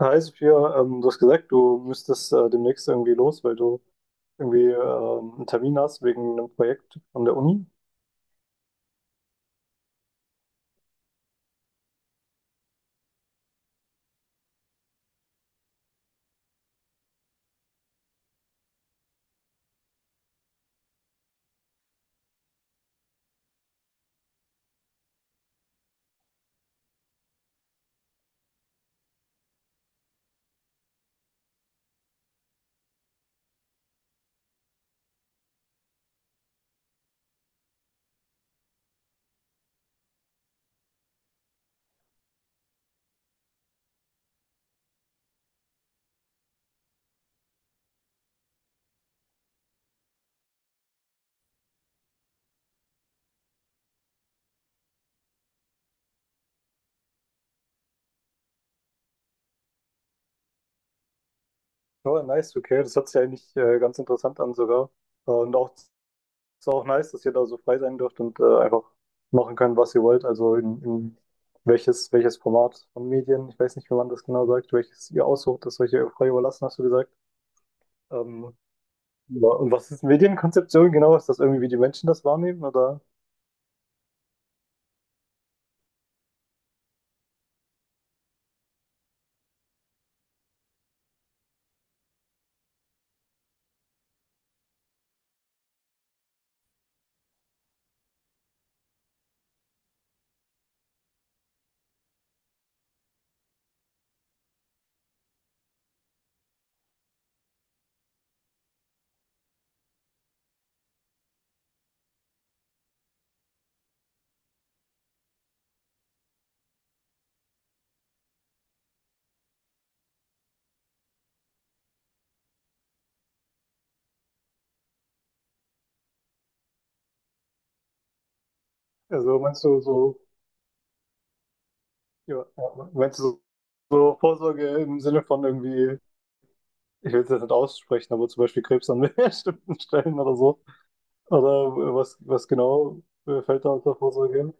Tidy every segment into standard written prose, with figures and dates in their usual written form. Hi Sophia, du hast gesagt, du müsstest demnächst irgendwie los, weil du irgendwie einen Termin hast wegen einem Projekt an der Uni. Ja, nice, okay. Das hört sich eigentlich ganz interessant an sogar. Und auch ist auch nice, dass ihr da so frei sein dürft und einfach machen könnt, was ihr wollt. Also in welches Format von Medien, ich weiß nicht, wie man das genau sagt, welches ihr aussucht, das euch ihr frei überlassen, hast du gesagt. Ähm, ja. Und was ist Medienkonzeption genau? Ist das irgendwie, wie die Menschen das wahrnehmen? Oder also meinst du so? Ja, ja. Meinst du so, so Vorsorge im Sinne von irgendwie, ich will es jetzt nicht aussprechen, aber zum Beispiel Krebs an bestimmten Stellen oder so? Oder was, was genau fällt da unter Vorsorge hin?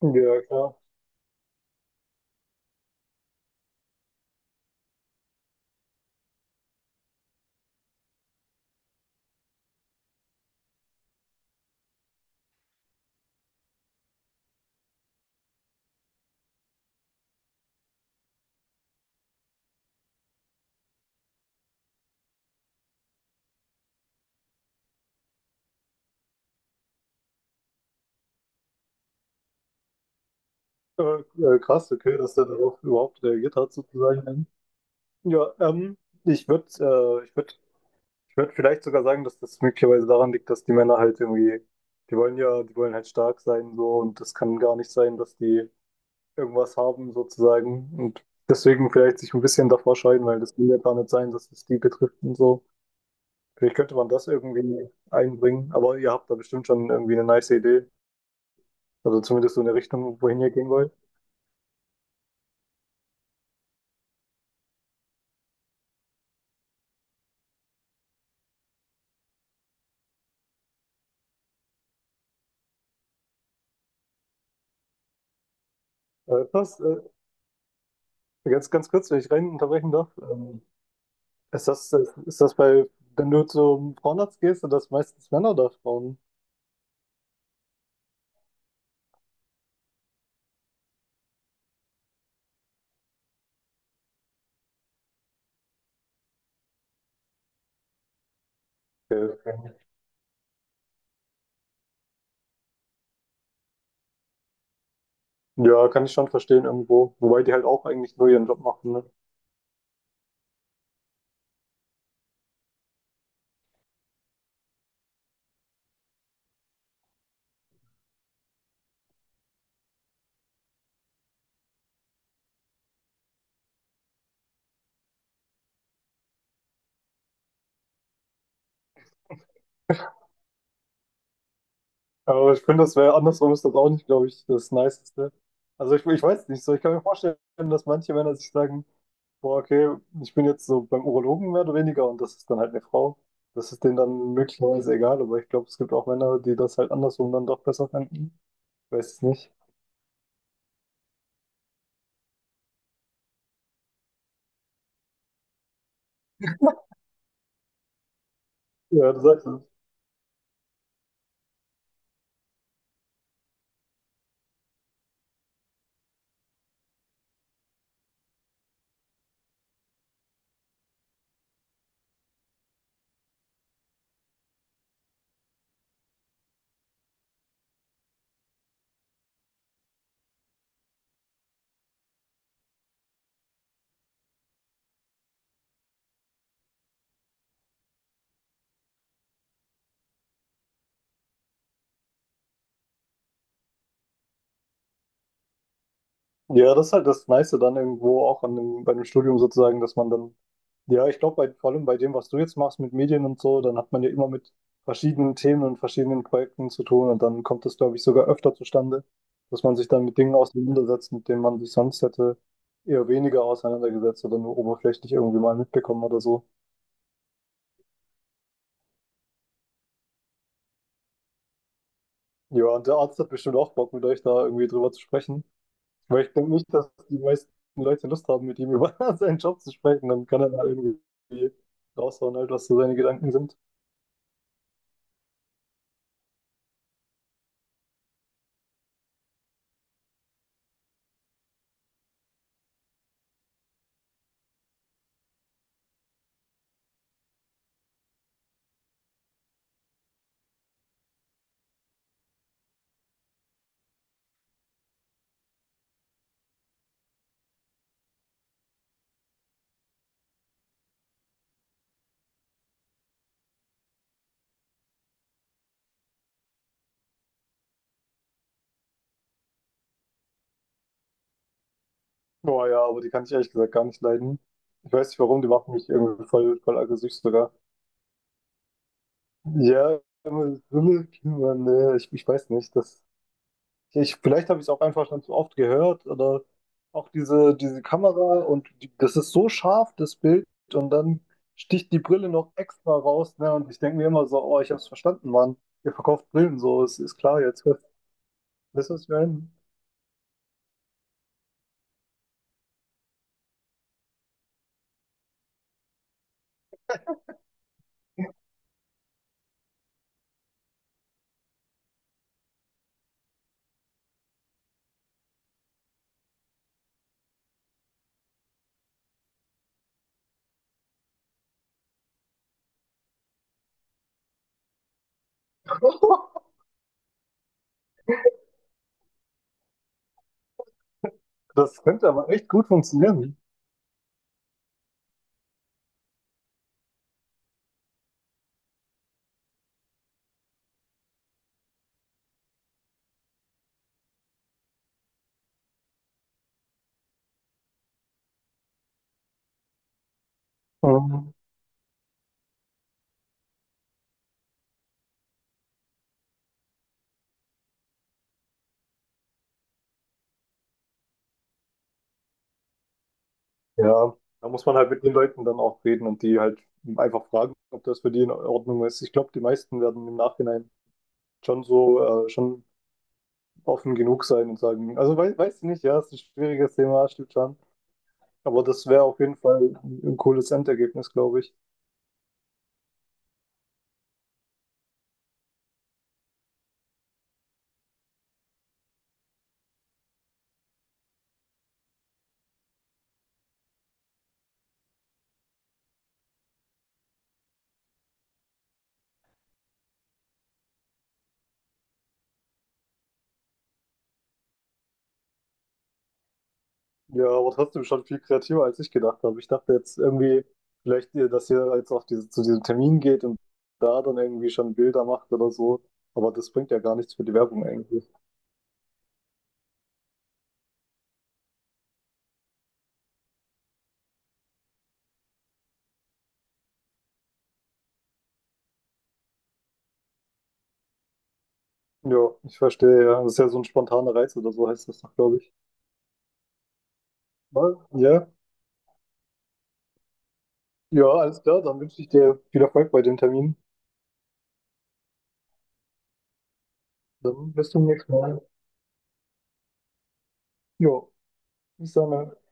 Ja, klar. Äh, krass, okay, dass der darauf überhaupt reagiert hat, sozusagen. Ja, ich würde äh, ich würd, ich würd vielleicht sogar sagen, dass das möglicherweise daran liegt, dass die Männer halt irgendwie, die wollen ja, die wollen halt stark sein so und das kann gar nicht sein, dass die irgendwas haben, sozusagen. Und deswegen vielleicht sich ein bisschen davor scheiden, weil das will ja gar nicht sein, dass es die betrifft und so. Vielleicht könnte man das irgendwie einbringen, aber ihr habt da bestimmt schon irgendwie eine nice Idee. Also zumindest so eine Richtung, wohin ihr gehen wollt. Das, ganz kurz, wenn ich rein unterbrechen darf. Ist das bei, wenn du zum Frauenarzt gehst, sind das meistens Männer oder Frauen? Okay. Okay. Ja, kann ich schon verstehen irgendwo. Wobei die halt auch eigentlich nur ihren Job machen, ne? Aber ich finde, das wäre andersrum ist das auch nicht, glaube ich, das Niceste. Also ich weiß nicht so. Ich kann mir vorstellen, dass manche Männer sich sagen, boah, okay, ich bin jetzt so beim Urologen mehr oder weniger und das ist dann halt eine Frau. Das ist denen dann möglicherweise egal, aber ich glaube, es gibt auch Männer, die das halt andersrum dann doch besser finden. Ich weiß es nicht. Ja, das ist halt, ja, das ist halt das Nice dann irgendwo auch an dem, bei dem Studium sozusagen, dass man dann ja, ich glaube, vor allem bei dem, was du jetzt machst mit Medien und so, dann hat man ja immer mit verschiedenen Themen und verschiedenen Projekten zu tun und dann kommt das, glaube ich, sogar öfter zustande, dass man sich dann mit Dingen auseinandersetzt, mit denen man sich sonst hätte eher weniger auseinandergesetzt oder nur oberflächlich irgendwie mal mitbekommen oder so. Ja, und der Arzt hat bestimmt auch Bock, mit euch da irgendwie drüber zu sprechen, weil ich denke nicht, dass die meisten Leute Lust haben, mit ihm über seinen Job zu sprechen, dann kann er da irgendwie raushauen, halt, was so seine Gedanken sind. Boah, ja, aber die kann ich ehrlich gesagt gar nicht leiden. Ich weiß nicht warum, die macht mich irgendwie voll aggressiv sogar. Ja, aber so eine Kinder, ne, ich weiß nicht. Das, ich, vielleicht habe ich es auch einfach schon zu oft gehört oder auch diese Kamera und die, das ist so scharf, das Bild, und dann sticht die Brille noch extra raus, ne? Und ich denke mir immer so, oh, ich habe es verstanden, Mann. Ihr verkauft Brillen so, es ist klar jetzt. Weißt du, was ich meine? Das könnte aber echt gut funktionieren. Ähm, Ja, da muss man halt mit den Leuten dann auch reden und die halt einfach fragen, ob das für die in Ordnung ist. Ich glaube, die meisten werden im Nachhinein schon so, schon offen genug sein und sagen, also weiß ich nicht, ja, ist ein schwieriges Thema, stimmt schon. Aber das wäre auf jeden Fall ein cooles Endergebnis, glaube ich. Ja, aber trotzdem schon viel kreativer, als ich gedacht habe. Ich dachte jetzt irgendwie, vielleicht, dass ihr jetzt auf diese, zu diesem Termin geht und da dann irgendwie schon Bilder macht oder so. Aber das bringt ja gar nichts für die Werbung eigentlich. Ja, ich verstehe, ja. Das ist ja so ein spontaner Reiz oder so heißt das doch, glaube ich. Aber, ja, ja, alles klar. Dann wünsche ich dir viel Erfolg bei dem Termin. Dann bis zum nächsten Mal. Jo, bis dann. Ja.